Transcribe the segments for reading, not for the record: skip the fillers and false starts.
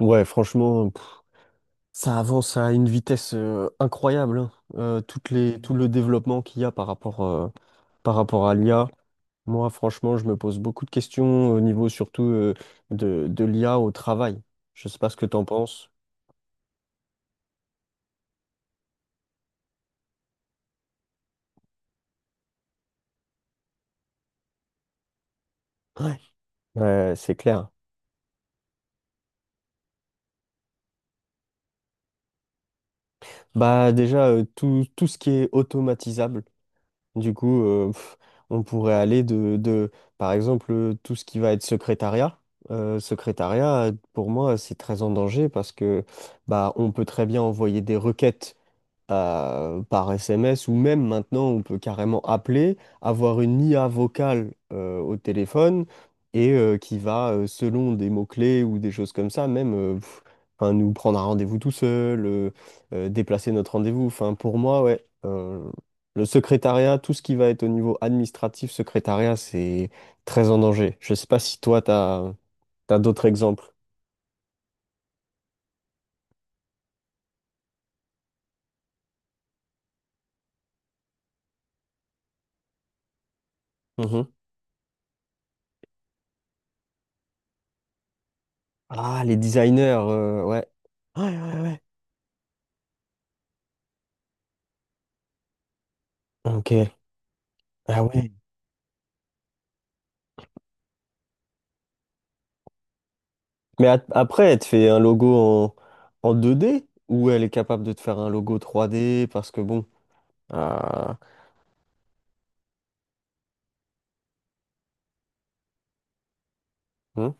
Ouais, franchement, ça avance à une vitesse incroyable, hein. Tout le développement qu'il y a par rapport à l'IA. Moi, franchement, je me pose beaucoup de questions au niveau surtout de l'IA au travail. Je sais pas ce que t'en penses. Ouais. Ouais, c'est clair. Bah déjà, tout ce qui est automatisable. Du coup, on pourrait aller par exemple, tout ce qui va être secrétariat. Secrétariat, pour moi, c'est très en danger parce que bah, on peut très bien envoyer des requêtes par SMS, ou même maintenant on peut carrément appeler, avoir une IA vocale au téléphone, et qui va, selon des mots-clés ou des choses comme ça, même enfin, nous prendre un rendez-vous tout seul, déplacer notre rendez-vous. Enfin, pour moi, ouais, le secrétariat, tout ce qui va être au niveau administratif, secrétariat, c'est très en danger. Je sais pas si toi, t'as, d'autres exemples. Mhm. Ah, les designers, ouais. Ouais, ouais, ouais. Ok. Ah ouais. Mais après, elle te fait un logo en, 2D, ou elle est capable de te faire un logo 3D parce que bon. Ah, hein,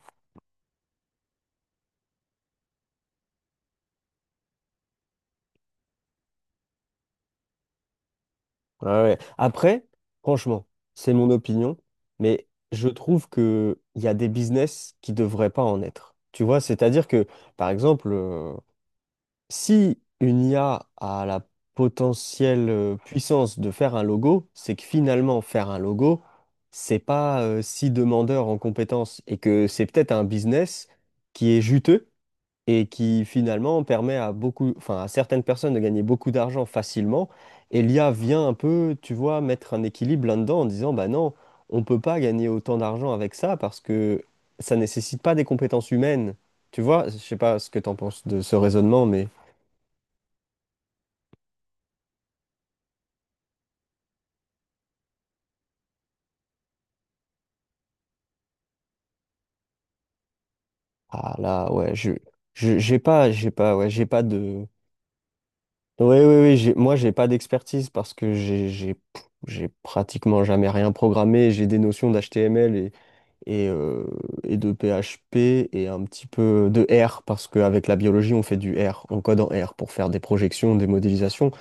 ouais, ouais. Après, franchement, c'est mon opinion, mais je trouve que il y a des business qui devraient pas en être. Tu vois, c'est-à-dire que, par exemple, si une IA a la potentielle puissance de faire un logo, c'est que finalement faire un logo, c'est pas si demandeur en compétences, et que c'est peut-être un business qui est juteux et qui finalement permet à beaucoup, enfin à certaines personnes de gagner beaucoup d'argent facilement. Et l'IA vient un peu, tu vois, mettre un équilibre là-dedans en disant, bah non, on peut pas gagner autant d'argent avec ça parce que ça nécessite pas des compétences humaines. Tu vois, je sais pas ce que tu en penses de ce raisonnement, mais ah là, ouais, j'ai pas, ouais, j'ai pas de. Oui, oui, oui, moi, j'ai pas d'expertise parce que j'ai pratiquement jamais rien programmé. J'ai des notions d'HTML et, euh, et de PHP, et un petit peu de R parce qu'avec la biologie, on fait du R, on code en R pour faire des projections, des modélisations.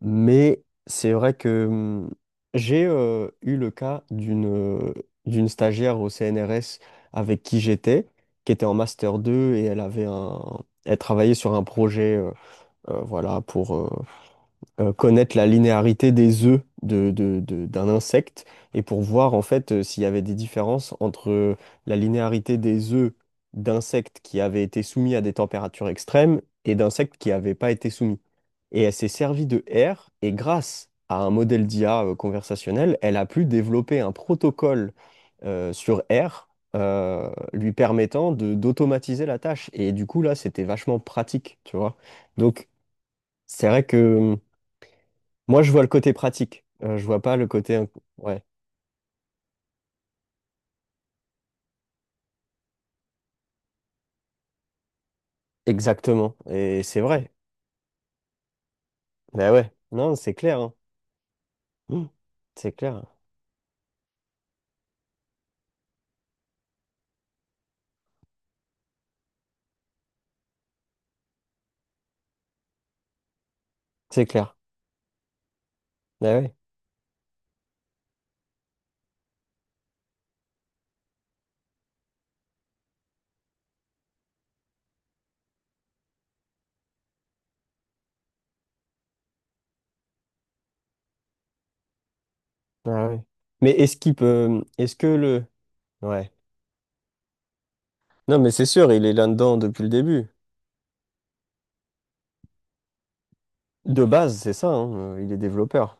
Mais c'est vrai que j'ai eu le cas d'une stagiaire au CNRS avec qui j'étais, qui était en master 2, et elle travaillait sur un projet voilà, pour connaître la linéarité des œufs d'un insecte, et pour voir en fait s'il y avait des différences entre la linéarité des œufs d'insectes qui avaient été soumis à des températures extrêmes et d'insectes qui n'avaient pas été soumis. Et elle s'est servie de R, et grâce à un modèle d'IA conversationnel, elle a pu développer un protocole sur R, lui permettant de d'automatiser la tâche. Et du coup, là, c'était vachement pratique, tu vois. Donc, c'est vrai que moi, je vois le côté pratique. Je vois pas le côté Ouais, exactement. Et c'est vrai. Bah ouais. Non, c'est clair, hein. Mm. C'est clair. C'est clair. Bah ouais. Ah ouais. Mais est-ce qu'il peut. Mmh, Est-ce que le. Ouais. Non, mais c'est sûr, il est là-dedans depuis le début. De base, c'est ça, hein. Il est développeur.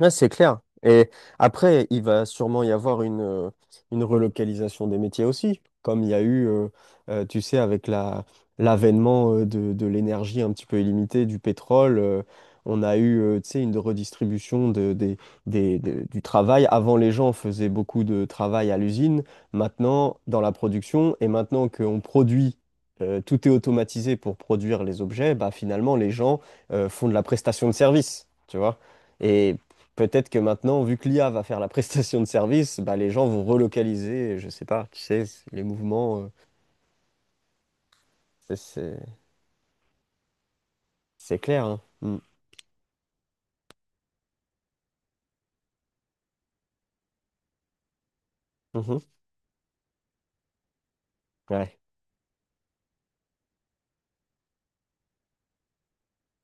Ouais, c'est clair. Et après, il va sûrement y avoir une relocalisation des métiers aussi, comme il y a eu, tu sais, avec l'avènement de l'énergie un petit peu illimitée, du pétrole, on a eu, tu sais, une redistribution de, des- de- du travail. Avant, les gens faisaient beaucoup de travail à l'usine, maintenant, dans la production, et maintenant qu'on produit, tout est automatisé pour produire les objets, bah, finalement, les gens, font de la prestation de service, tu vois? Et peut-être que maintenant, vu que l'IA va faire la prestation de service, bah, les gens vont relocaliser, je sais pas, tu sais, les mouvements, c'est c'est- c'est clair, hein. Mm. Mhm. Ouais.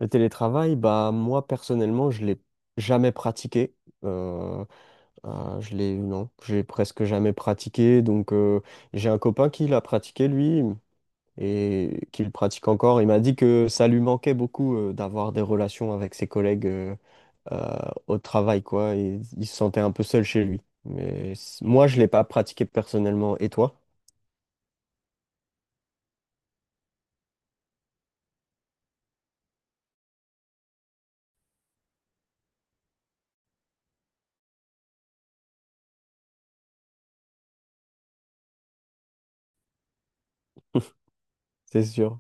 Le télétravail, bah, moi personnellement, je l'ai jamais pratiqué. Euh, je l'ai, non, j'ai presque jamais pratiqué. Donc, j'ai un copain qui l'a pratiqué, lui, et qu'il pratique encore. Il m'a dit que ça lui manquait beaucoup d'avoir des relations avec ses collègues, euh, au travail, quoi. Et il se sentait un peu seul chez lui. Mais moi, je l'ai pas pratiqué personnellement. Et toi? C'est sûr.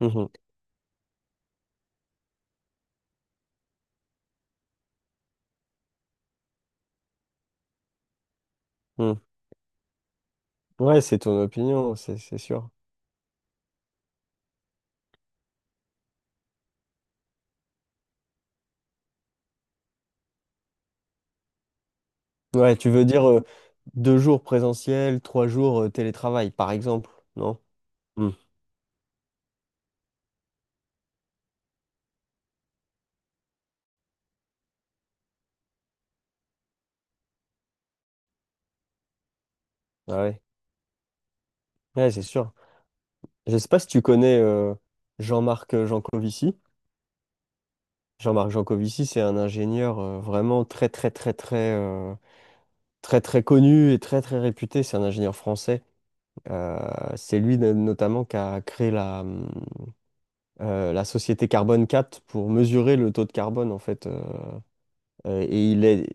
Mhm. Mhm. Ouais, c'est ton opinion, c'est sûr. Ouais, tu veux dire 2 jours présentiel, 3 jours télétravail, par exemple, non? Mm. Ah ouais, ouais, c'est sûr. Je sais pas si tu connais Jean-Marc Jancovici. Jean-Marc Jancovici, c'est un ingénieur vraiment très très très très très très connu et très très réputé. C'est un ingénieur français. Euh, c'est lui notamment qui a créé la société Carbone 4 pour mesurer le taux de carbone, en fait. Et il est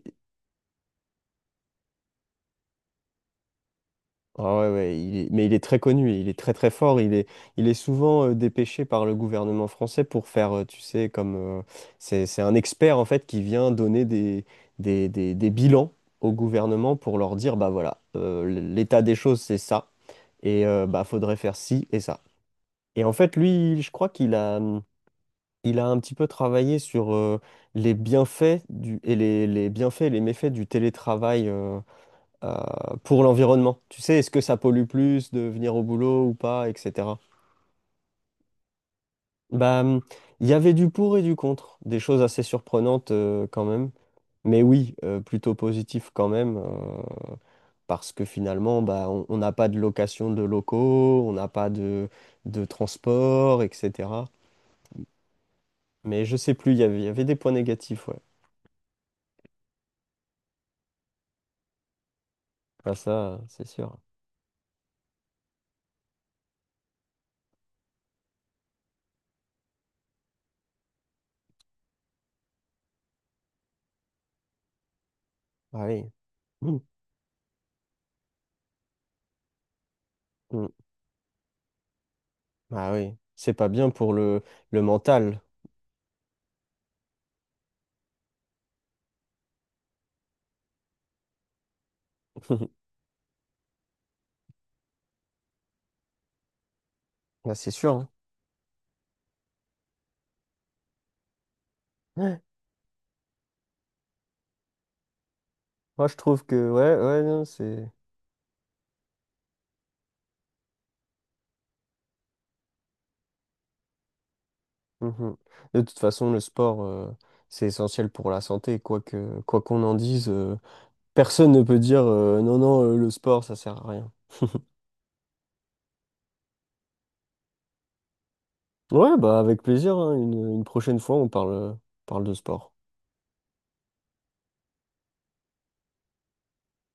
Ah ouais, ouais, mais il est très connu, il est très très fort, il est souvent dépêché par le gouvernement français pour faire, tu sais, comme, c'est un expert en fait, qui vient donner des bilans au gouvernement pour leur dire, bah voilà, l'état des choses c'est ça, et bah faudrait faire ci et ça. Et en fait, lui, je crois qu'il a un petit peu travaillé sur les bienfaits et les méfaits du télétravail, pour l'environnement. Tu sais, est-ce que ça pollue plus de venir au boulot ou pas, etc. Bah, il y avait du pour et du contre, des choses assez surprenantes quand même. Mais oui, plutôt positif quand même, parce que finalement, bah, on n'a pas de location de locaux, on n'a pas de transport, etc. Mais je sais plus, il y avait, des points négatifs, ouais. Ah, ça, c'est sûr. Ah oui. Mm. Mm. Ah oui. C'est pas bien pour le mental. Ah, c'est sûr, hein. Moi, je trouve que, ouais, ouais, non, c'est. Mhm. De toute façon, le sport, c'est essentiel pour la santé. Quoi qu'on en dise, personne ne peut dire, non, non, le sport, ça sert à rien. Ouais, bah, avec plaisir, hein. Une, prochaine fois, on parle de sport.